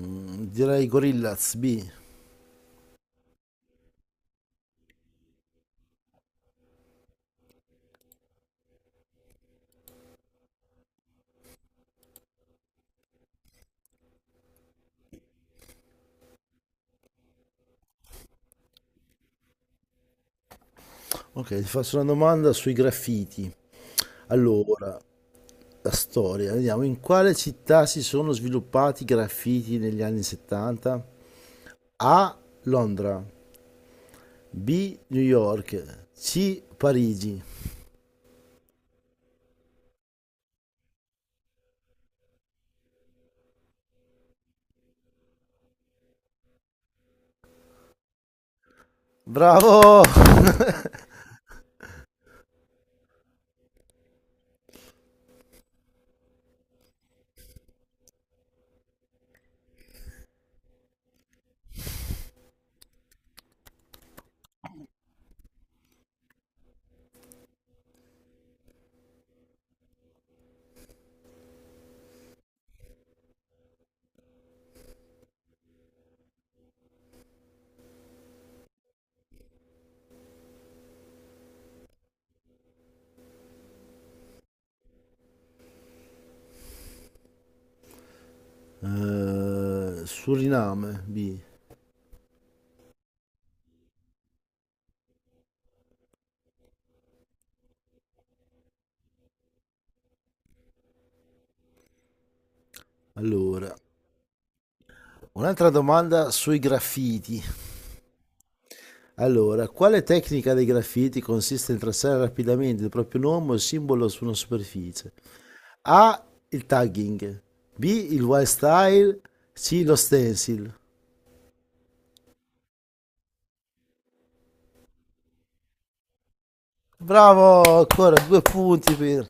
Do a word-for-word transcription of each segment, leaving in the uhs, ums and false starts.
Mm, Direi Gorillaz B. Ok, ti faccio una domanda sui graffiti. Allora, la storia, vediamo in quale città si sono sviluppati i graffiti negli anni settanta? A. Londra, B. New York, C. Parigi. Bravo! Eh, Suriname B. Allora, un'altra domanda sui graffiti. Allora, quale tecnica dei graffiti consiste nel tracciare rapidamente il proprio nome o il simbolo su una superficie? A. Il tagging. B. Il wild style. C. Lo stencil. Bravo, ancora due punti per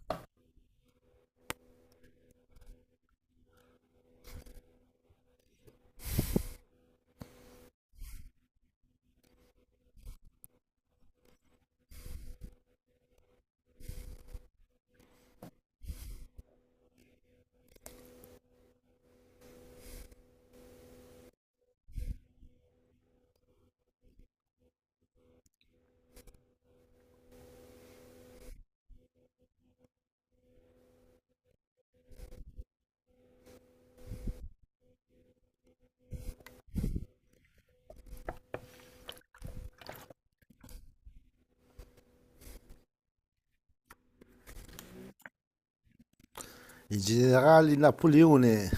il generale Napoleone.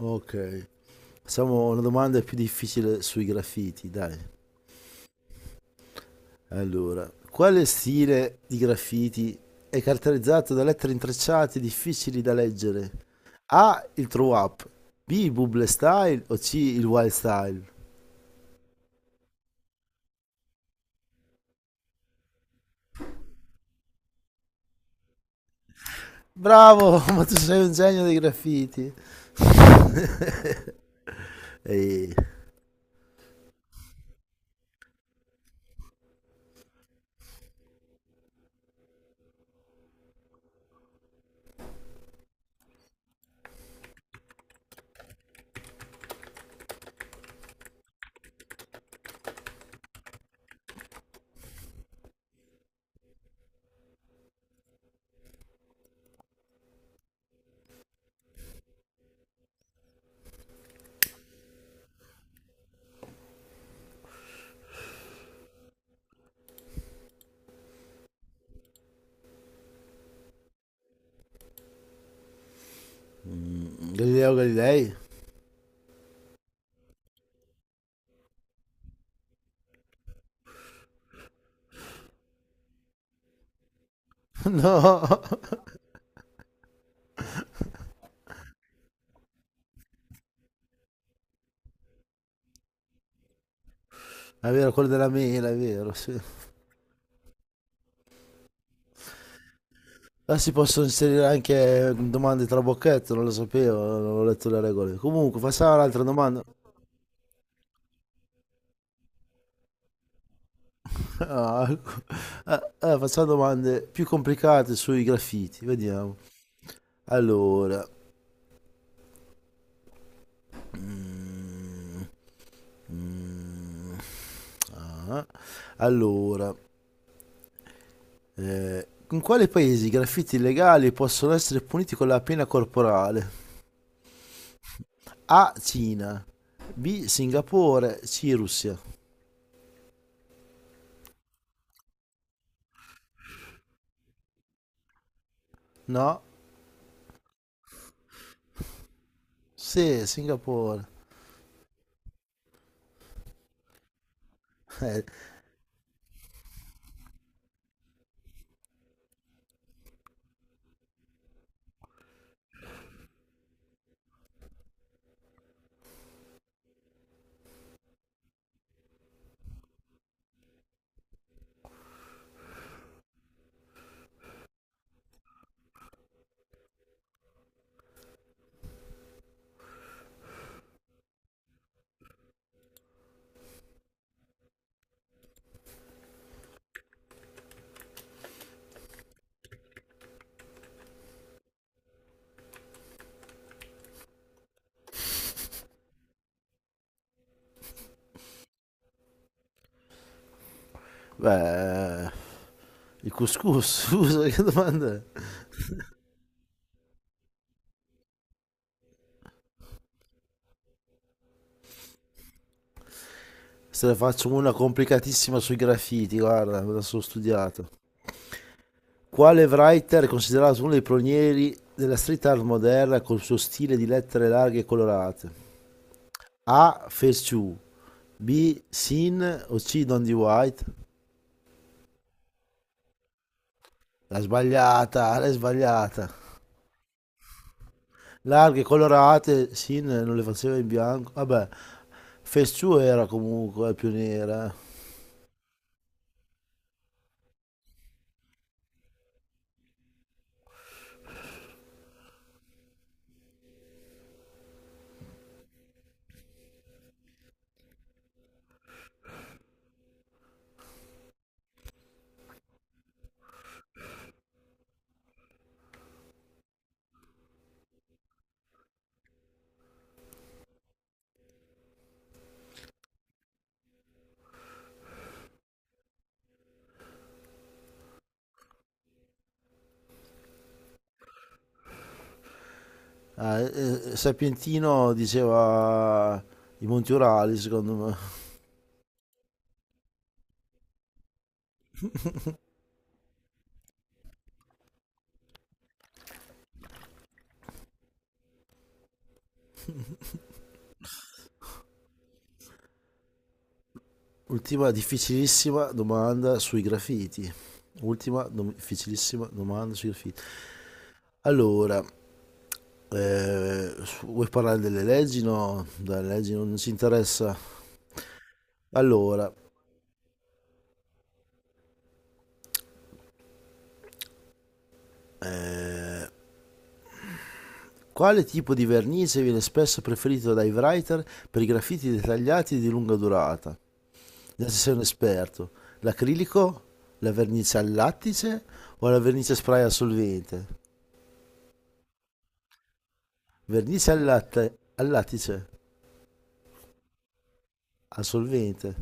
Ok, facciamo una domanda più difficile sui graffiti, dai. Allora, quale stile di graffiti è caratterizzato da lettere intrecciate difficili da leggere? A. Il throw up. B. Il bubble style o C. Il wild style? Bravo, ma tu sei un genio dei graffiti. E Galileo Galilei? No, è vero, quello della mela, è vero, sì. Ah, si possono inserire anche domande tra bocchetto, non lo sapevo, non ho letto le regole. Comunque, facciamo un'altra domanda. Ah, eh, eh, facciamo domande più complicate sui graffiti, vediamo. Allora, mm, mm, ah, allora, eh, in quali paesi i graffiti illegali possono essere puniti con la pena corporale? A. Cina. B. Singapore. C. Russia. No? Sì, Singapore. Eh, beh, il couscous, scusa, che domanda è? Se ne faccio una complicatissima sui graffiti, guarda, me la sono studiata. Quale writer è considerato uno dei pionieri della street art moderna col suo stile di lettere larghe e colorate? A. Ferchu. B. Sin o C. Don D. White? L'ha sbagliata, l'hai sbagliata. Larghe, colorate, Sin non le faceva in bianco, vabbè, Fesciù era comunque più nera. Eh, eh, Sapientino diceva i Monti Urali secondo me. Ultima difficilissima domanda sui graffiti, ultima dom- difficilissima domanda sui graffiti. Allora, eh, su- vuoi parlare delle leggi? No, delle leggi non ci interessa. Allora, eh, quale tipo di vernice viene spesso preferito dai writer per i graffiti dettagliati di lunga durata? Già se sei un esperto. L'acrilico, la vernice al lattice o la vernice spray al solvente? Vernice al latte, al lattice, al solvente.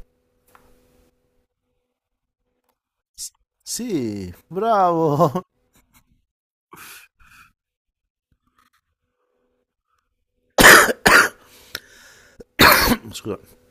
S- Sì, bravo. Scusa.